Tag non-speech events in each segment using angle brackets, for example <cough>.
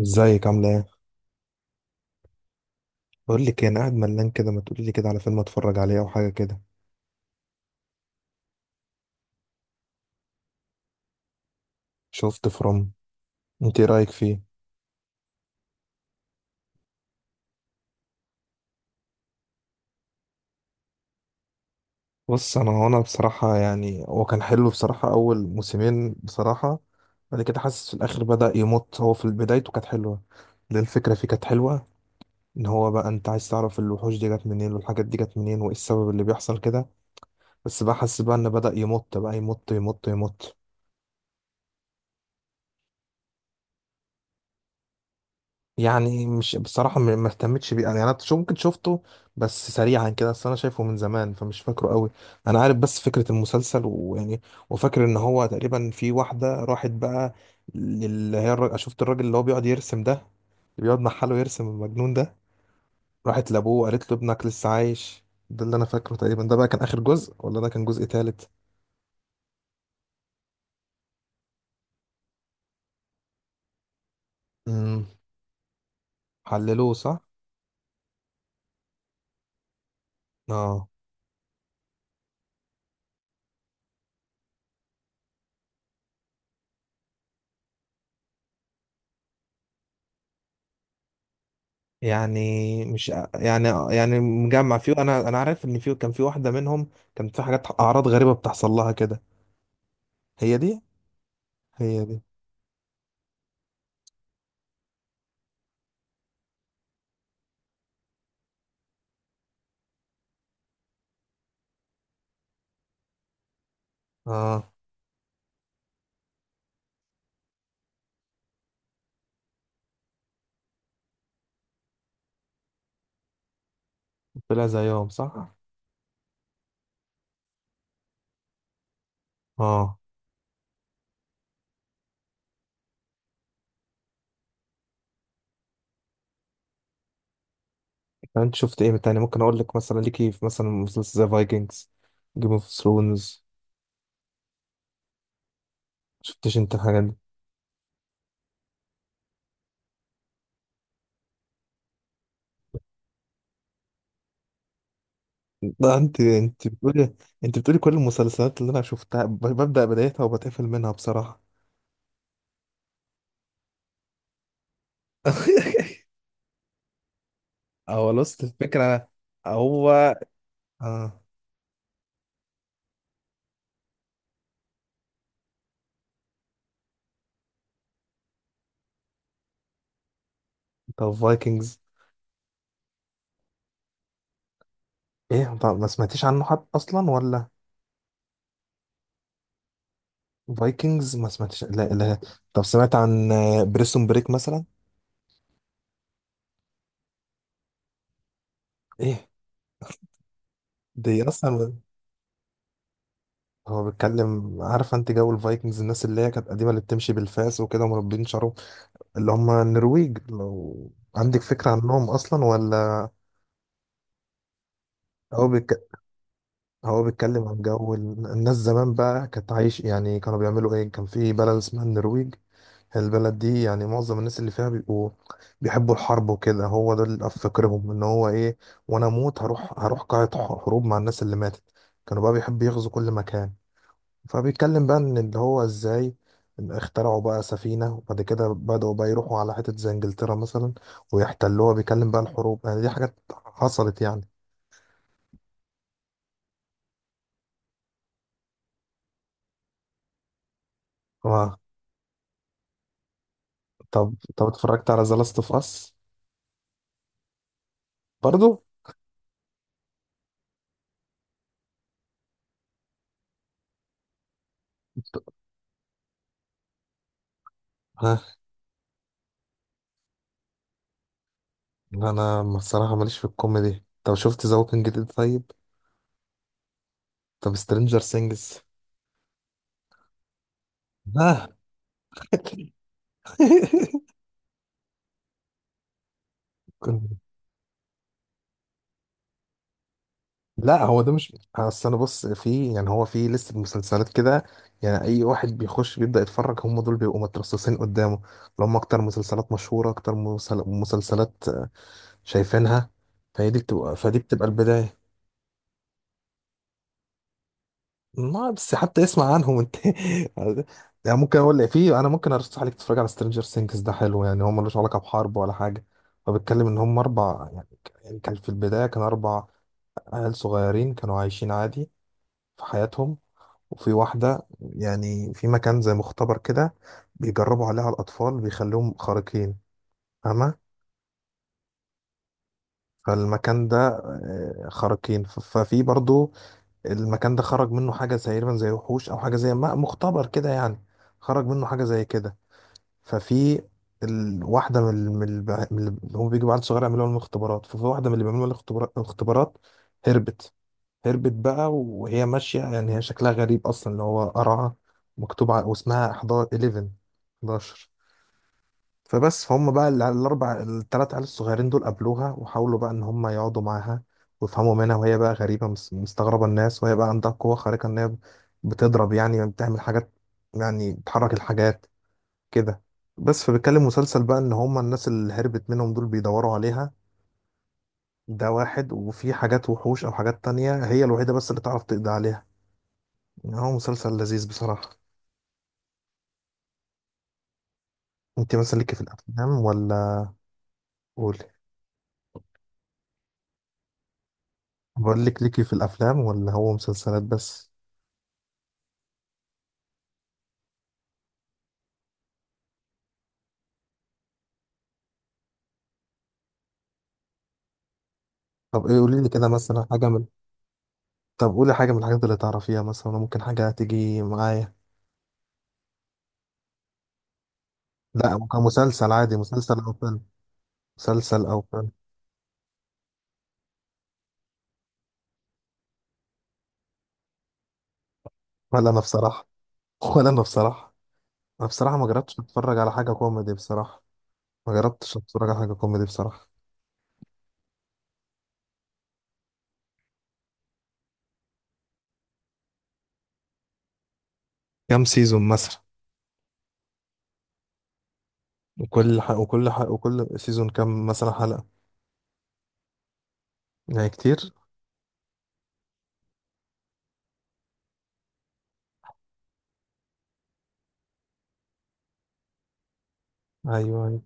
ازيك عامله ايه؟ بقول لك إيه، انا قاعد ملان كده، ما تقولي لي كده على فيلم اتفرج عليه او حاجه كده. شفت فروم؟ انت ايه رايك فيه؟ بص انا بصراحه، يعني هو كان حلو بصراحه اول موسمين بصراحه. بعد كده حاسس في الاخر بدا يمط. هو في بدايته كانت حلوه، لأن الفكره فيه كانت حلوه. ان هو بقى انت عايز تعرف الوحوش دي جت منين والحاجات دي جت منين وايه السبب اللي بيحصل كده. بس بقى حاسس بقى ان بدا يمط بقى، يمط يمط يمط. يعني مش بصراحة، ما اهتمتش بيه، يعني انا شو ممكن شفته، بس سريعا كده، اصل انا شايفه من زمان فمش فاكره قوي. انا عارف بس فكرة المسلسل ويعني، وفاكر ان هو تقريبا في واحدة راحت بقى، اللي هي الراجل، شفت الراجل اللي هو بيقعد يرسم ده، اللي بيقعد محله يرسم المجنون ده؟ راحت لابوه قالت له ابنك لسه عايش. ده اللي انا فاكره تقريبا. ده بقى كان اخر جزء ولا ده كان جزء تالت؟ امم حللوه، صح. اه. يعني مش، يعني مجمع فيه، انا عارف ان فيه كان في واحده منهم كانت في حاجات، اعراض غريبه بتحصل لها كده. هي دي. هي دي. اه، طلع زيهم صح. اه. انت شفت ايه تاني؟ ممكن اقول لك مثلا ليكي في، مثلا، مسلسل زي فايكنجز، جيم اوف ثرونز. شفتش انت الحاجات دي؟ ده انت بتقولي، انت بتقولي كل المسلسلات اللي انا شفتها ببدأ بدايتها وبتقفل منها بصراحه. <laughs> هو لوست الفكره، هو. اه. طب فايكنجز؟ ايه؟ طب ما سمعتيش عنه حد اصلا ولا؟ فايكنجز ما سمعتيش، لا لا. طب سمعت عن بريسون بريك مثلا؟ ايه، دي اصلا. هو بيتكلم، عارف انت جو الفايكنجز، الناس اللي هي كانت قديمه اللي بتمشي بالفاس وكده ومربين شعرهم، اللي هم النرويج؟ لو عندك فكره عنهم اصلا ولا؟ هو هو بيتكلم عن جو الناس زمان بقى، كانت عايش يعني كانوا بيعملوا ايه. كان في بلد اسمها النرويج. البلد دي يعني معظم الناس اللي فيها بيبقوا بيحبوا الحرب وكده. هو ده اللي في فكرهم، ان هو ايه، وانا اموت هروح، قاعة حروب مع الناس اللي ماتت. كانوا بقى بيحبوا يغزوا كل مكان. فبيتكلم بقى ان اللي هو ازاي اخترعوا بقى سفينة، وبعد كده بدأوا بقى يروحوا على حتت زي انجلترا مثلا ويحتلوها. بيتكلم بقى الحروب، يعني دي حاجات حصلت يعني. آه. طب اتفرجت على ذا لاست اوف اس؟ برضو. ها. انا بصراحه ماليش في الكوميدي. طب شفت ذا ووكينج ديد طيب؟ طب سترينجر سينجز؟ ها. <laughs> كنت- لا هو ده مش، اصل انا بص في، يعني هو في لسه مسلسلات كده، يعني اي واحد بيخش بيبدا يتفرج هم دول بيبقوا مترصصين قدامه، اللي هم اكتر مسلسلات مشهوره، اكتر مسلسلات شايفينها، فهي دي بتبقى فدي بتبقى البدايه. ما بس حتى اسمع عنهم انت. <laughs> يعني ممكن اقول لك، في انا ممكن ارشح لك تتفرج على سترينجر سينجز، ده حلو، يعني هو ملوش علاقه بحرب ولا حاجه. هو بيتكلم ان هم اربع، يعني يعني كان في البدايه كان اربع عيال صغيرين كانوا عايشين عادي في حياتهم. وفي واحده، يعني في مكان زي مختبر كده، بيجربوا عليها الاطفال، بيخليهم خارقين، فاهمه؟ فالمكان ده آه، خارقين، ففي برضو، المكان ده خرج منه حاجة زي تقريبا، زي وحوش أو حاجة، زي ما مختبر كده يعني، خرج منه حاجة زي كده. ففي واحدة من من من اللي هم بيجوا بعد صغير يعملوا لهم الاختبارات، ففي واحدة من اللي بيعملوا لها الاختبارات هربت. هربت بقى، وهي ماشية يعني، هي شكلها غريب أصلا، اللي هو قرعة مكتوب على واسمها 11. 11. فبس، فهم بقى الاربع الثلاث عيال الصغيرين دول قابلوها، وحاولوا بقى ان هم يقعدوا معاها ويفهموا منها، وهي بقى غريبه مستغربه الناس، وهي بقى عندها قوه خارقه ان هي بتضرب، يعني بتعمل حاجات، يعني بتحرك الحاجات كده. بس فبيتكلم مسلسل بقى ان هم الناس اللي هربت منهم دول بيدوروا عليها، ده واحد، وفي حاجات وحوش او حاجات تانية هي الوحيده بس اللي تعرف تقضي عليها. يعني هو مسلسل لذيذ بصراحه. انت مثلا ليكي في الافلام ولا؟ قولي. بقول لك، ليكي في الافلام ولا هو مسلسلات بس؟ طب ايه قولي لي كده مثلا حاجه من. طب قولي حاجه من الحاجات اللي تعرفيها، مثلا ممكن حاجه تيجي معايا. لا ممكن مسلسل عادي، مسلسل او فيلم. مسلسل او فيلم. ولا انا بصراحه. <laughs> ولا انا بصراحه. انا بصراحه ما جربتش اتفرج على حاجه كوميدي بصراحه. ما جربتش اتفرج على حاجه كوميدي بصراحه. كام سيزون مثلا؟ وكل سيزون كام مثلا حلقه؟ يعني كتير. ايوه، ايوه.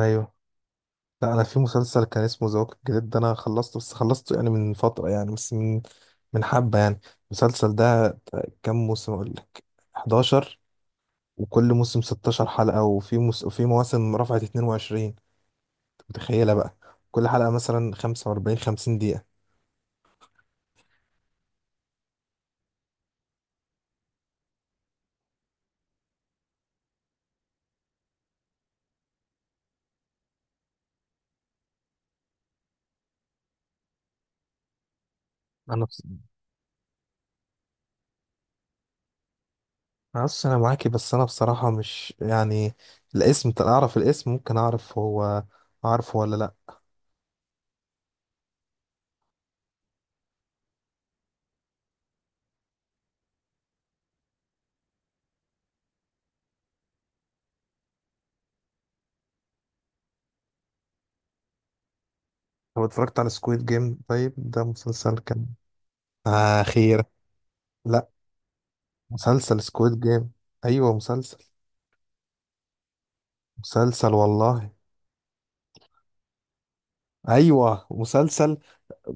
أيوه. لا انا في مسلسل كان اسمه ذا ووكينج ديد، ده انا خلصته، بس خلصته يعني من فتره، يعني بس من حبه يعني المسلسل ده. كام موسم اقول لك؟ 11. وكل موسم 16 حلقه، وفي وفي مواسم رفعت 22. أنت متخيله بقى؟ كل حلقه مثلا 45 50 دقيقه. انا بص انا بص انا معاكي، بس انا بصراحه مش يعني، الاسم، أنت اعرف الاسم ممكن اعرف هو، اعرف ولا لا. هو اتفرجت على سكويد جيم طيب؟ ده مسلسل كان اخيرا. لا، مسلسل سكويد جيم. ايوه مسلسل. مسلسل والله. ايوه مسلسل.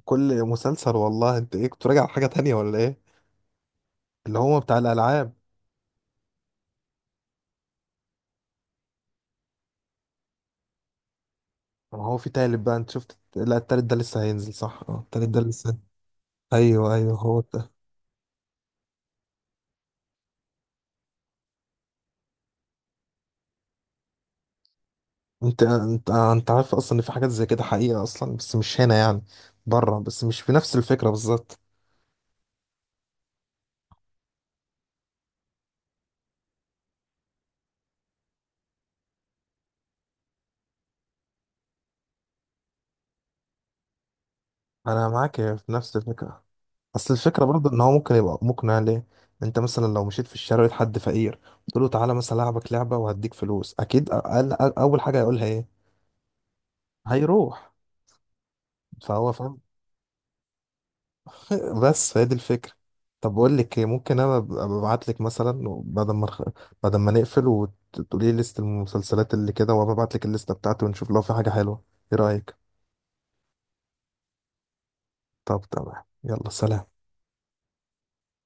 كل مسلسل والله. انت ايه كنت راجع على حاجه تانية ولا ايه؟ اللي هو بتاع الالعاب. ما هو في تالت بقى، انت شفت؟ لا التالت ده لسه هينزل، صح، اه التالت ده لسه. ايوه، ايوه هو ده. انت عارف اصلا ان في حاجات زي كده حقيقه اصلا، بس مش هنا يعني، بره، بس مش في نفس الفكره بالظبط. انا معاك في نفس الفكره. اصل الفكره برضه ان هو ممكن يبقى مقنع ليه. انت مثلا لو مشيت في الشارع لقيت حد فقير تقول له تعالى مثلا العبك لعبه وهديك فلوس، اكيد أقل أقل اول حاجه هيقولها ايه؟ هيروح. فهو فاهم. <laughs> بس هي دي الفكره. طب بقول لك إيه، ممكن انا ابعت لك مثلا بعد ما بعد ما نقفل، وتقولي لي ليست المسلسلات اللي كده، وابعت لك الليسته بتاعتي ونشوف لو في حاجه حلوه. ايه رايك؟ طب تمام، يلا، سلام.